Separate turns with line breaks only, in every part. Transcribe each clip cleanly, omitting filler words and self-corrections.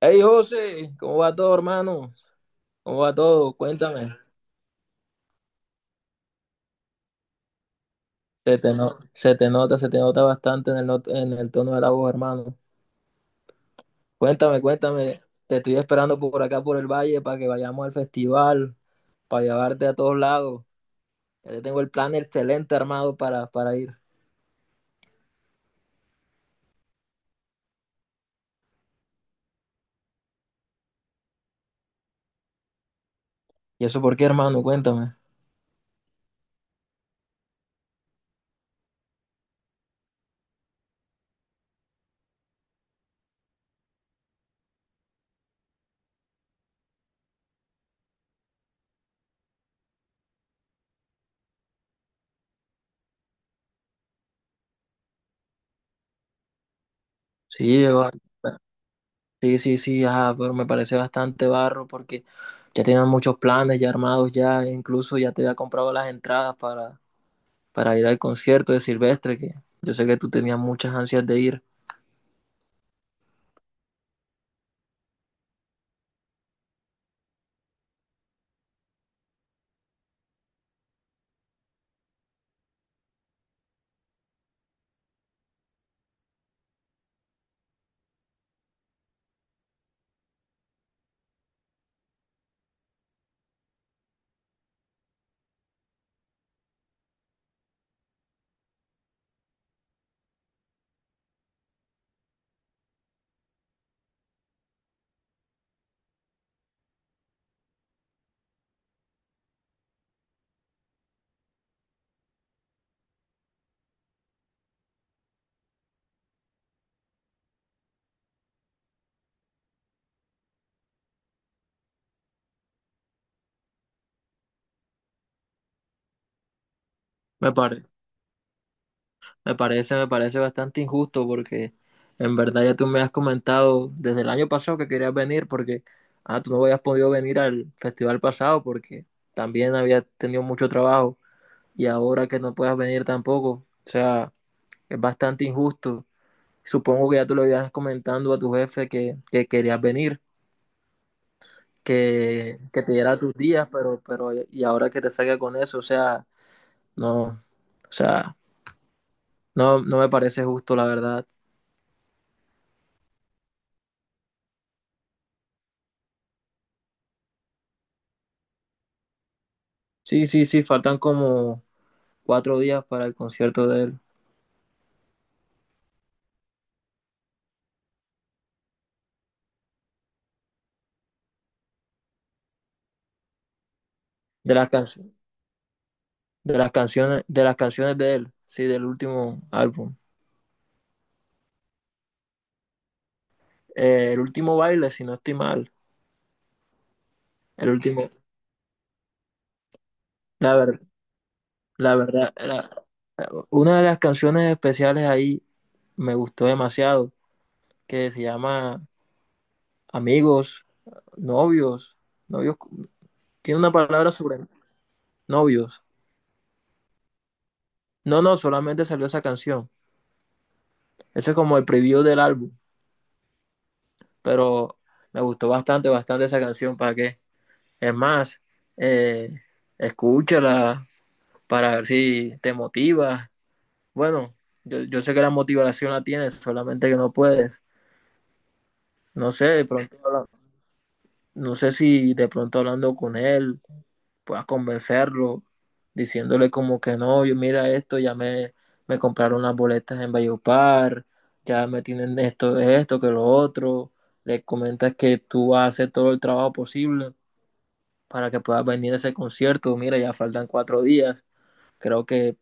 Hey José, ¿cómo va todo, hermano? ¿Cómo va todo? Cuéntame. Se te nota bastante en el, not- en el tono de la voz, hermano. Cuéntame, cuéntame. Te estoy esperando por acá, por el valle, para que vayamos al festival, para llevarte a todos lados. Ya te tengo el plan excelente armado para ir. ¿Y eso por qué, hermano? Cuéntame. Sí, sí, sí, sí, ajá, pero me parece bastante barro porque ya tienen muchos planes ya armados, ya incluso ya te había comprado las entradas para ir al concierto de Silvestre, que yo sé que tú tenías muchas ansias de ir. Me pare- me parece bastante injusto porque en verdad ya tú me has comentado desde el año pasado que querías venir porque tú no habías podido venir al festival pasado porque también habías tenido mucho trabajo y ahora que no puedas venir tampoco, o sea, es bastante injusto. Supongo que ya tú lo ibas comentando a tu jefe que querías venir, que te diera tus días, pero y ahora que te salga con eso, o sea, no, o sea, no me parece justo, la verdad. Sí, sí, sí, faltan como cuatro días para el concierto de él, de las can- de las canciones de él, sí, del último álbum. El último baile, si no estoy mal, el último, la ver- la verdad, una de las canciones especiales ahí me gustó demasiado, que se llama Amigos, Novios, Novios, tiene una palabra sobre novios. No, no, solamente salió esa canción. Eso es como el preview del álbum, pero me gustó bastante, bastante esa canción, ¿para qué? Es más, eh, escúchala para ver si te motiva. Bueno, yo sé que la motivación la tienes, solamente que no puedes. No sé, de pronto la No sé si de pronto hablando con él puedas convencerlo, diciéndole como que no, yo mira esto, ya me compraron las boletas en Valledupar, ya me tienen esto, esto, que lo otro. Le comentas que tú vas a hacer todo el trabajo posible para que puedas venir a ese concierto. Mira, ya faltan cuatro días. Creo que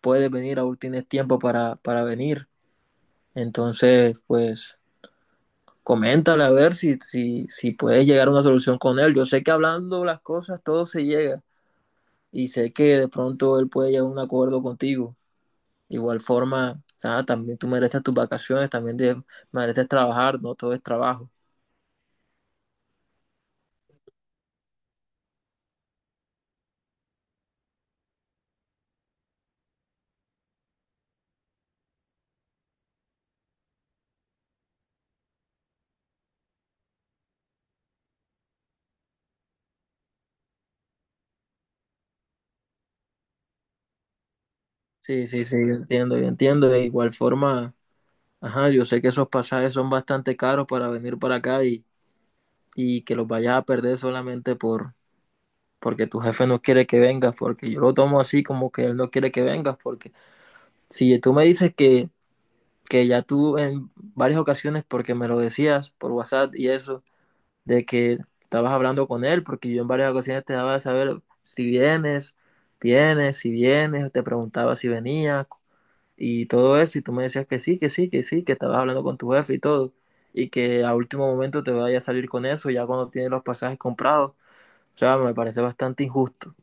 puedes venir, aún tienes tiempo para venir. Entonces, pues coméntale a ver si puedes llegar a una solución con él. Yo sé que hablando las cosas todo se llega y sé que de pronto él puede llegar a un acuerdo contigo. De igual forma, también tú mereces tus vacaciones, también mereces trabajar, no todo es trabajo. Sí, sí, sí, yo entiendo, yo entiendo. De igual forma, ajá, yo sé que esos pasajes son bastante caros para venir para acá y que los vayas a perder solamente porque tu jefe no quiere que vengas, porque yo lo tomo así como que él no quiere que vengas, porque si tú me dices que ya tú en varias ocasiones, porque me lo decías por WhatsApp y eso, de que estabas hablando con él, porque yo en varias ocasiones te daba de saber si vienes, si vienes, te preguntaba si venías y todo eso, y tú me decías que sí, que sí, que sí, que estabas hablando con tu jefe y todo, y que a último momento te vaya a salir con eso ya cuando tienes los pasajes comprados. O sea, me parece bastante injusto.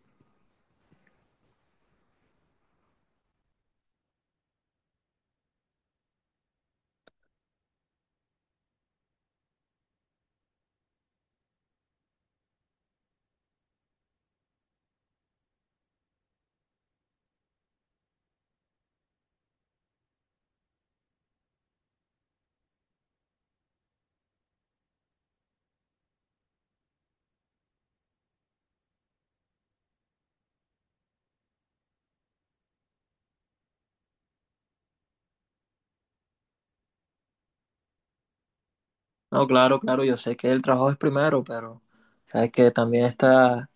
No, claro, claro, yo sé que el trabajo es primero, pero sabes que también está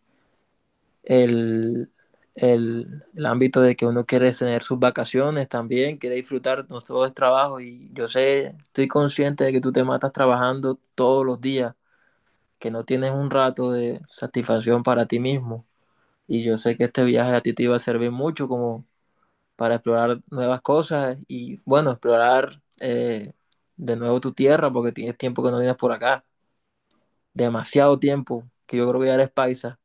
el, el ámbito de que uno quiere tener sus vacaciones también, quiere disfrutar, no todo es trabajo y yo sé, estoy consciente de que tú te matas trabajando todos los días, que no tienes un rato de satisfacción para ti mismo y yo sé que este viaje a ti te iba a servir mucho como para explorar nuevas cosas y bueno, explorar de nuevo tu tierra porque tienes tiempo que no vienes por acá, demasiado tiempo, que yo creo que ya eres paisa.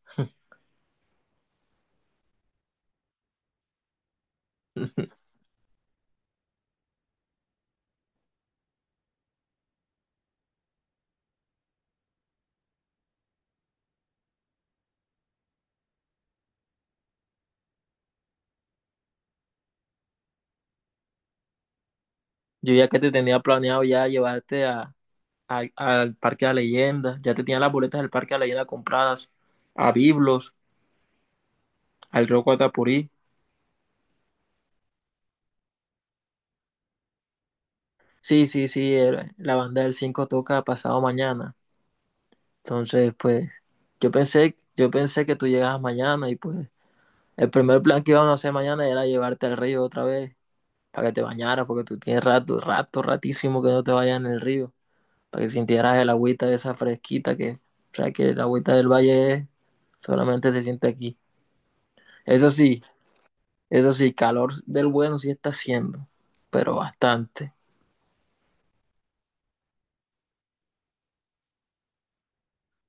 Yo ya que te tenía planeado ya llevarte al Parque de la Leyenda, ya te tenían las boletas del Parque de la Leyenda compradas, a Biblos, al río Atapurí. Sí, sí, sí, la banda del 5 toca pasado mañana. Entonces, pues, yo pensé que tú llegabas mañana y pues el primer plan que íbamos a hacer mañana era llevarte al río otra vez para que te bañaras, porque tú tienes rato, rato, ratísimo que no te vayas en el río, para que sintieras el agüita esa fresquita que, o sea, que el agüita del valle solamente se siente aquí. Eso sí, Eso sí, calor del bueno sí está haciendo, pero bastante.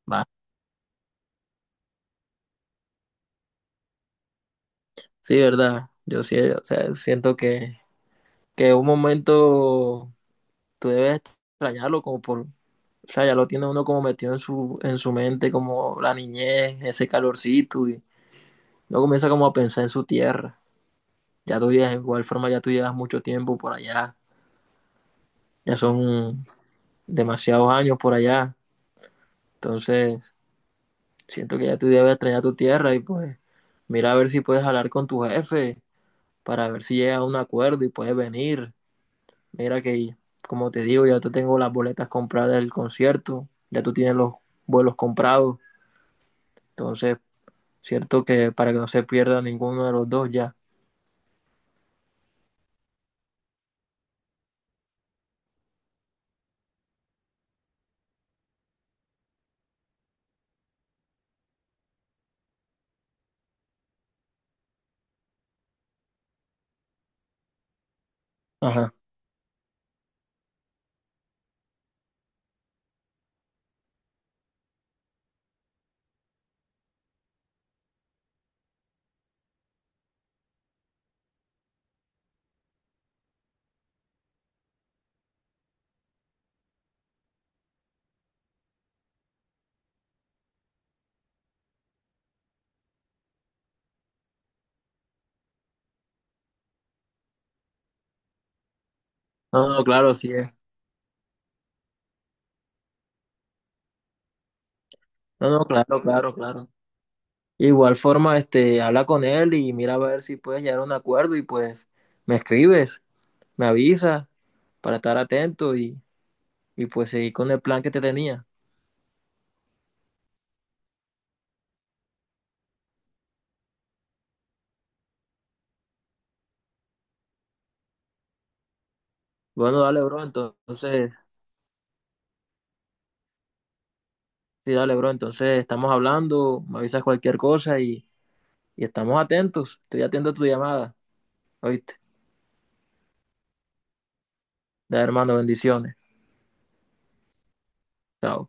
Va. Sí, verdad. Yo sí, o sea, siento que un momento tú debes extrañarlo como por, o sea, ya lo tiene uno como metido en su mente, como la niñez, ese calorcito, y luego comienza como a pensar en su tierra. De igual forma ya tú llevas mucho tiempo por allá, ya son demasiados años por allá, entonces siento que ya tú debes extrañar tu tierra y pues mira a ver si puedes hablar con tu jefe para ver si llega a un acuerdo y puedes venir. Mira que, como te digo, ya te tengo las boletas compradas del concierto, ya tú tienes los vuelos comprados, entonces, cierto que para que no se pierda ninguno de los dos ya. Ajá. No, no, claro, sí es. No, no, claro, claro, claro. Igual forma, este, habla con él y mira a ver si puedes llegar a un acuerdo y pues me escribes, me avisas para estar atento y pues seguir con el plan que te tenía. Bueno, dale, bro, entonces. Sí, dale, bro. Entonces estamos hablando, me avisas cualquier cosa y estamos atentos. Estoy atento a tu llamada. ¿Oíste? Da, hermano, bendiciones. Chao.